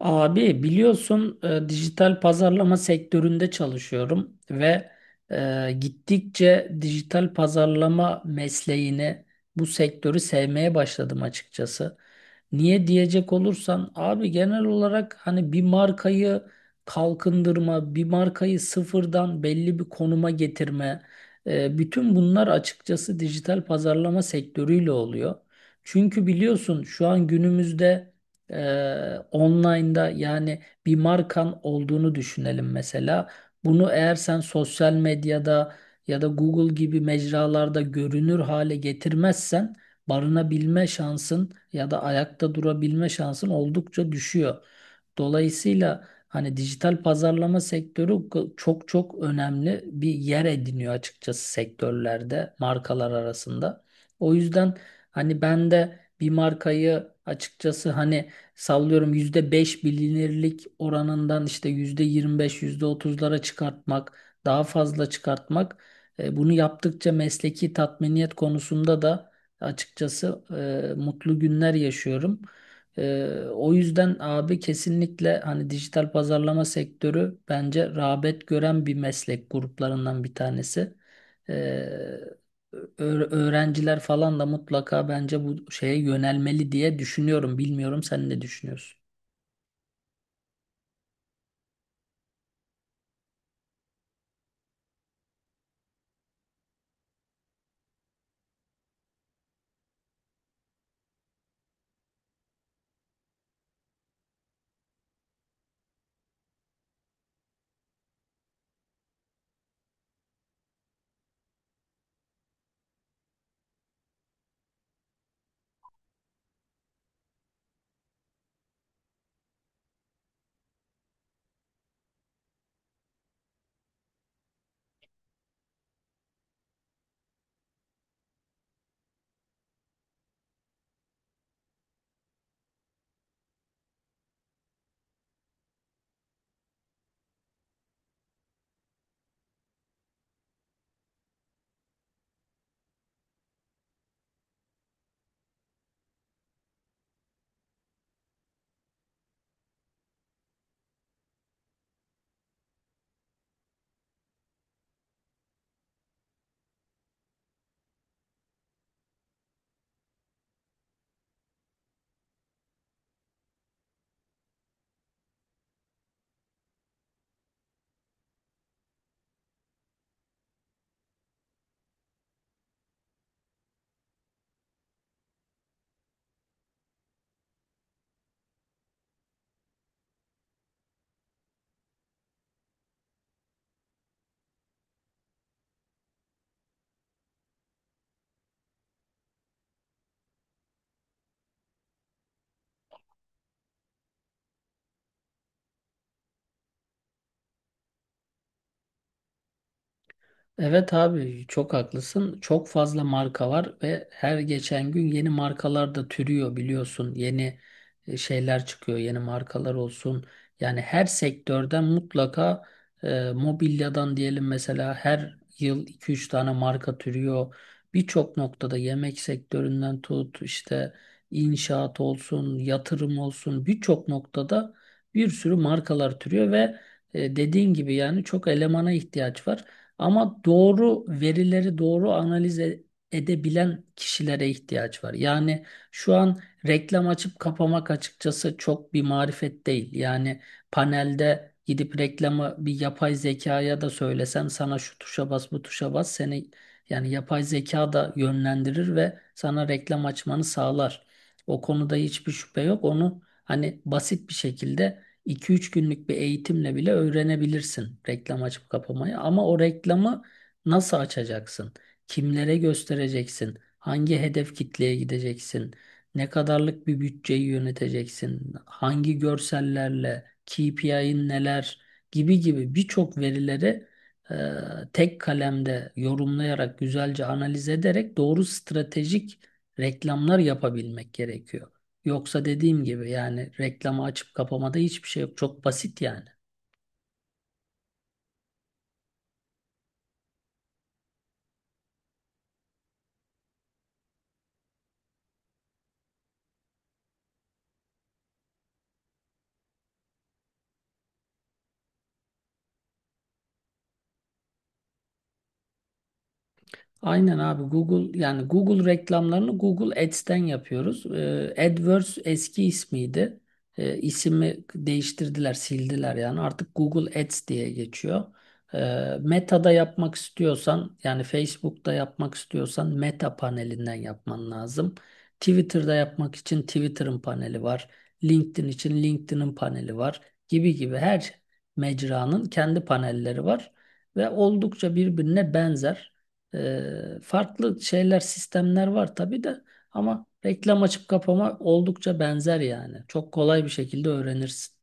Abi biliyorsun, dijital pazarlama sektöründe çalışıyorum ve gittikçe dijital pazarlama mesleğini, bu sektörü sevmeye başladım açıkçası. Niye diyecek olursan abi, genel olarak hani bir markayı kalkındırma, bir markayı sıfırdan belli bir konuma getirme, bütün bunlar açıkçası dijital pazarlama sektörüyle oluyor. Çünkü biliyorsun, şu an günümüzde online'da yani bir markan olduğunu düşünelim mesela. Bunu eğer sen sosyal medyada ya da Google gibi mecralarda görünür hale getirmezsen, barınabilme şansın ya da ayakta durabilme şansın oldukça düşüyor. Dolayısıyla hani dijital pazarlama sektörü çok çok önemli bir yer ediniyor açıkçası sektörlerde, markalar arasında. O yüzden hani ben de bir markayı, açıkçası hani sallıyorum, %5 bilinirlik oranından işte %25, %30'lara çıkartmak, daha fazla çıkartmak. Bunu yaptıkça mesleki tatminiyet konusunda da açıkçası mutlu günler yaşıyorum. E, o yüzden abi kesinlikle hani dijital pazarlama sektörü bence rağbet gören bir meslek gruplarından bir tanesi. E, öğrenciler falan da mutlaka bence bu şeye yönelmeli diye düşünüyorum. Bilmiyorum, sen ne düşünüyorsun? Evet abi, çok haklısın. Çok fazla marka var ve her geçen gün yeni markalar da türüyor biliyorsun. Yeni şeyler çıkıyor, yeni markalar olsun. Yani her sektörden mutlaka mobilyadan diyelim mesela, her yıl 2-3 tane marka türüyor. Birçok noktada yemek sektöründen tut, işte inşaat olsun, yatırım olsun, birçok noktada bir sürü markalar türüyor ve dediğin gibi yani çok elemana ihtiyaç var. Ama doğru verileri doğru analiz edebilen kişilere ihtiyaç var. Yani şu an reklam açıp kapamak açıkçası çok bir marifet değil. Yani panelde gidip reklamı bir yapay zekaya da söylesen, sana şu tuşa bas, bu tuşa bas, seni yani yapay zeka da yönlendirir ve sana reklam açmanı sağlar. O konuda hiçbir şüphe yok. Onu hani basit bir şekilde 2-3 günlük bir eğitimle bile öğrenebilirsin, reklam açıp kapamayı. Ama o reklamı nasıl açacaksın? Kimlere göstereceksin? Hangi hedef kitleye gideceksin? Ne kadarlık bir bütçeyi yöneteceksin? Hangi görsellerle? KPI'nin neler? Gibi gibi birçok verileri e, tek kalemde yorumlayarak, güzelce analiz ederek doğru stratejik reklamlar yapabilmek gerekiyor. Yoksa dediğim gibi yani reklamı açıp kapamada hiçbir şey yok. Çok basit yani. Aynen abi, Google yani Google reklamlarını Google Ads'ten yapıyoruz. AdWords eski ismiydi. İsmi değiştirdiler, sildiler yani. Artık Google Ads diye geçiyor. Meta'da yapmak istiyorsan yani Facebook'ta yapmak istiyorsan Meta panelinden yapman lazım. Twitter'da yapmak için Twitter'ın paneli var. LinkedIn için LinkedIn'in paneli var, gibi gibi her mecranın kendi panelleri var ve oldukça birbirine benzer. Farklı şeyler, sistemler var tabii de, ama reklam açıp kapama oldukça benzer yani. Çok kolay bir şekilde öğrenirsin.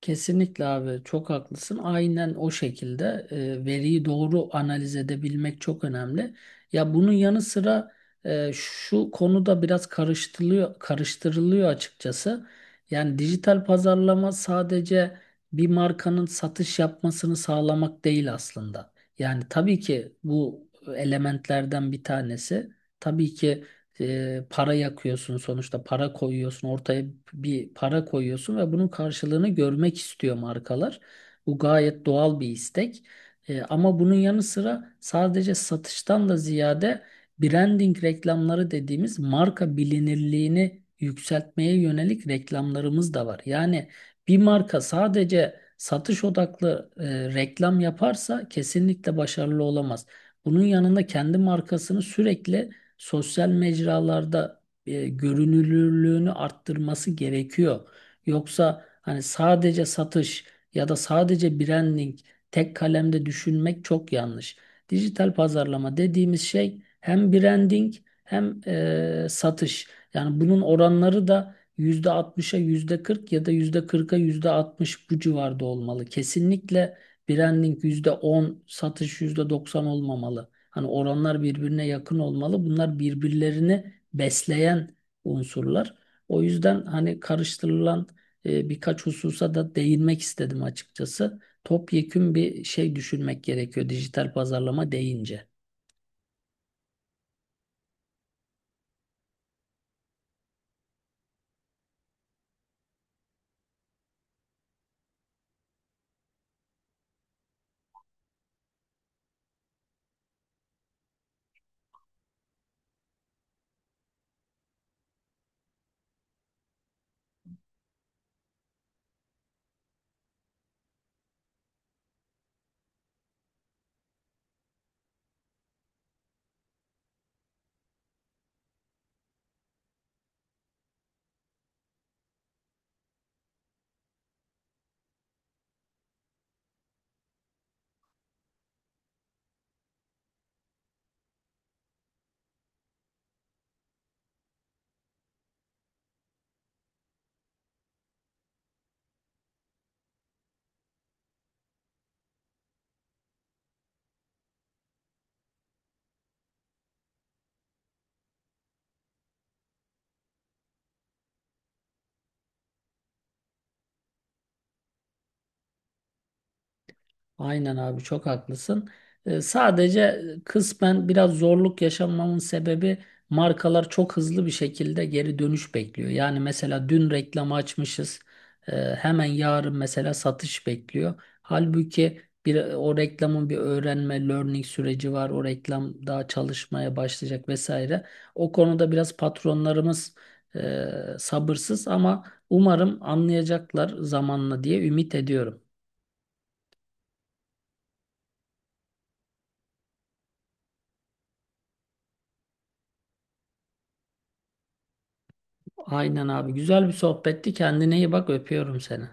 Kesinlikle abi, çok haklısın. Aynen o şekilde veriyi doğru analiz edebilmek çok önemli. Ya bunun yanı sıra şu konuda biraz karıştırılıyor, karıştırılıyor açıkçası. Yani dijital pazarlama sadece bir markanın satış yapmasını sağlamak değil aslında. Yani tabii ki bu elementlerden bir tanesi. Tabii ki para yakıyorsun, sonuçta para koyuyorsun ortaya, bir para koyuyorsun ve bunun karşılığını görmek istiyor markalar. Bu gayet doğal bir istek. Ama bunun yanı sıra sadece satıştan da ziyade branding reklamları dediğimiz marka bilinirliğini yükseltmeye yönelik reklamlarımız da var. Yani bir marka sadece satış odaklı reklam yaparsa kesinlikle başarılı olamaz. Bunun yanında kendi markasını sürekli sosyal mecralarda görünürlüğünü arttırması gerekiyor. Yoksa hani sadece satış ya da sadece branding, tek kalemde düşünmek çok yanlış. Dijital pazarlama dediğimiz şey hem branding hem satış. Yani bunun oranları da %60'a yüzde %40 ya da %40'a %60, bu civarda olmalı. Kesinlikle branding %10, satış %90 olmamalı. Hani oranlar birbirine yakın olmalı. Bunlar birbirlerini besleyen unsurlar. O yüzden hani karıştırılan birkaç hususa da değinmek istedim açıkçası. Topyekün bir şey düşünmek gerekiyor dijital pazarlama deyince. Aynen abi, çok haklısın. Sadece kısmen biraz zorluk yaşamamın sebebi, markalar çok hızlı bir şekilde geri dönüş bekliyor. Yani mesela dün reklamı açmışız. Hemen yarın mesela satış bekliyor. Halbuki bir o reklamın bir öğrenme, learning süreci var. O reklam daha çalışmaya başlayacak vesaire. O konuda biraz patronlarımız e, sabırsız ama umarım anlayacaklar zamanla diye ümit ediyorum. Aynen abi. Güzel bir sohbetti. Kendine iyi bak. Öpüyorum seni.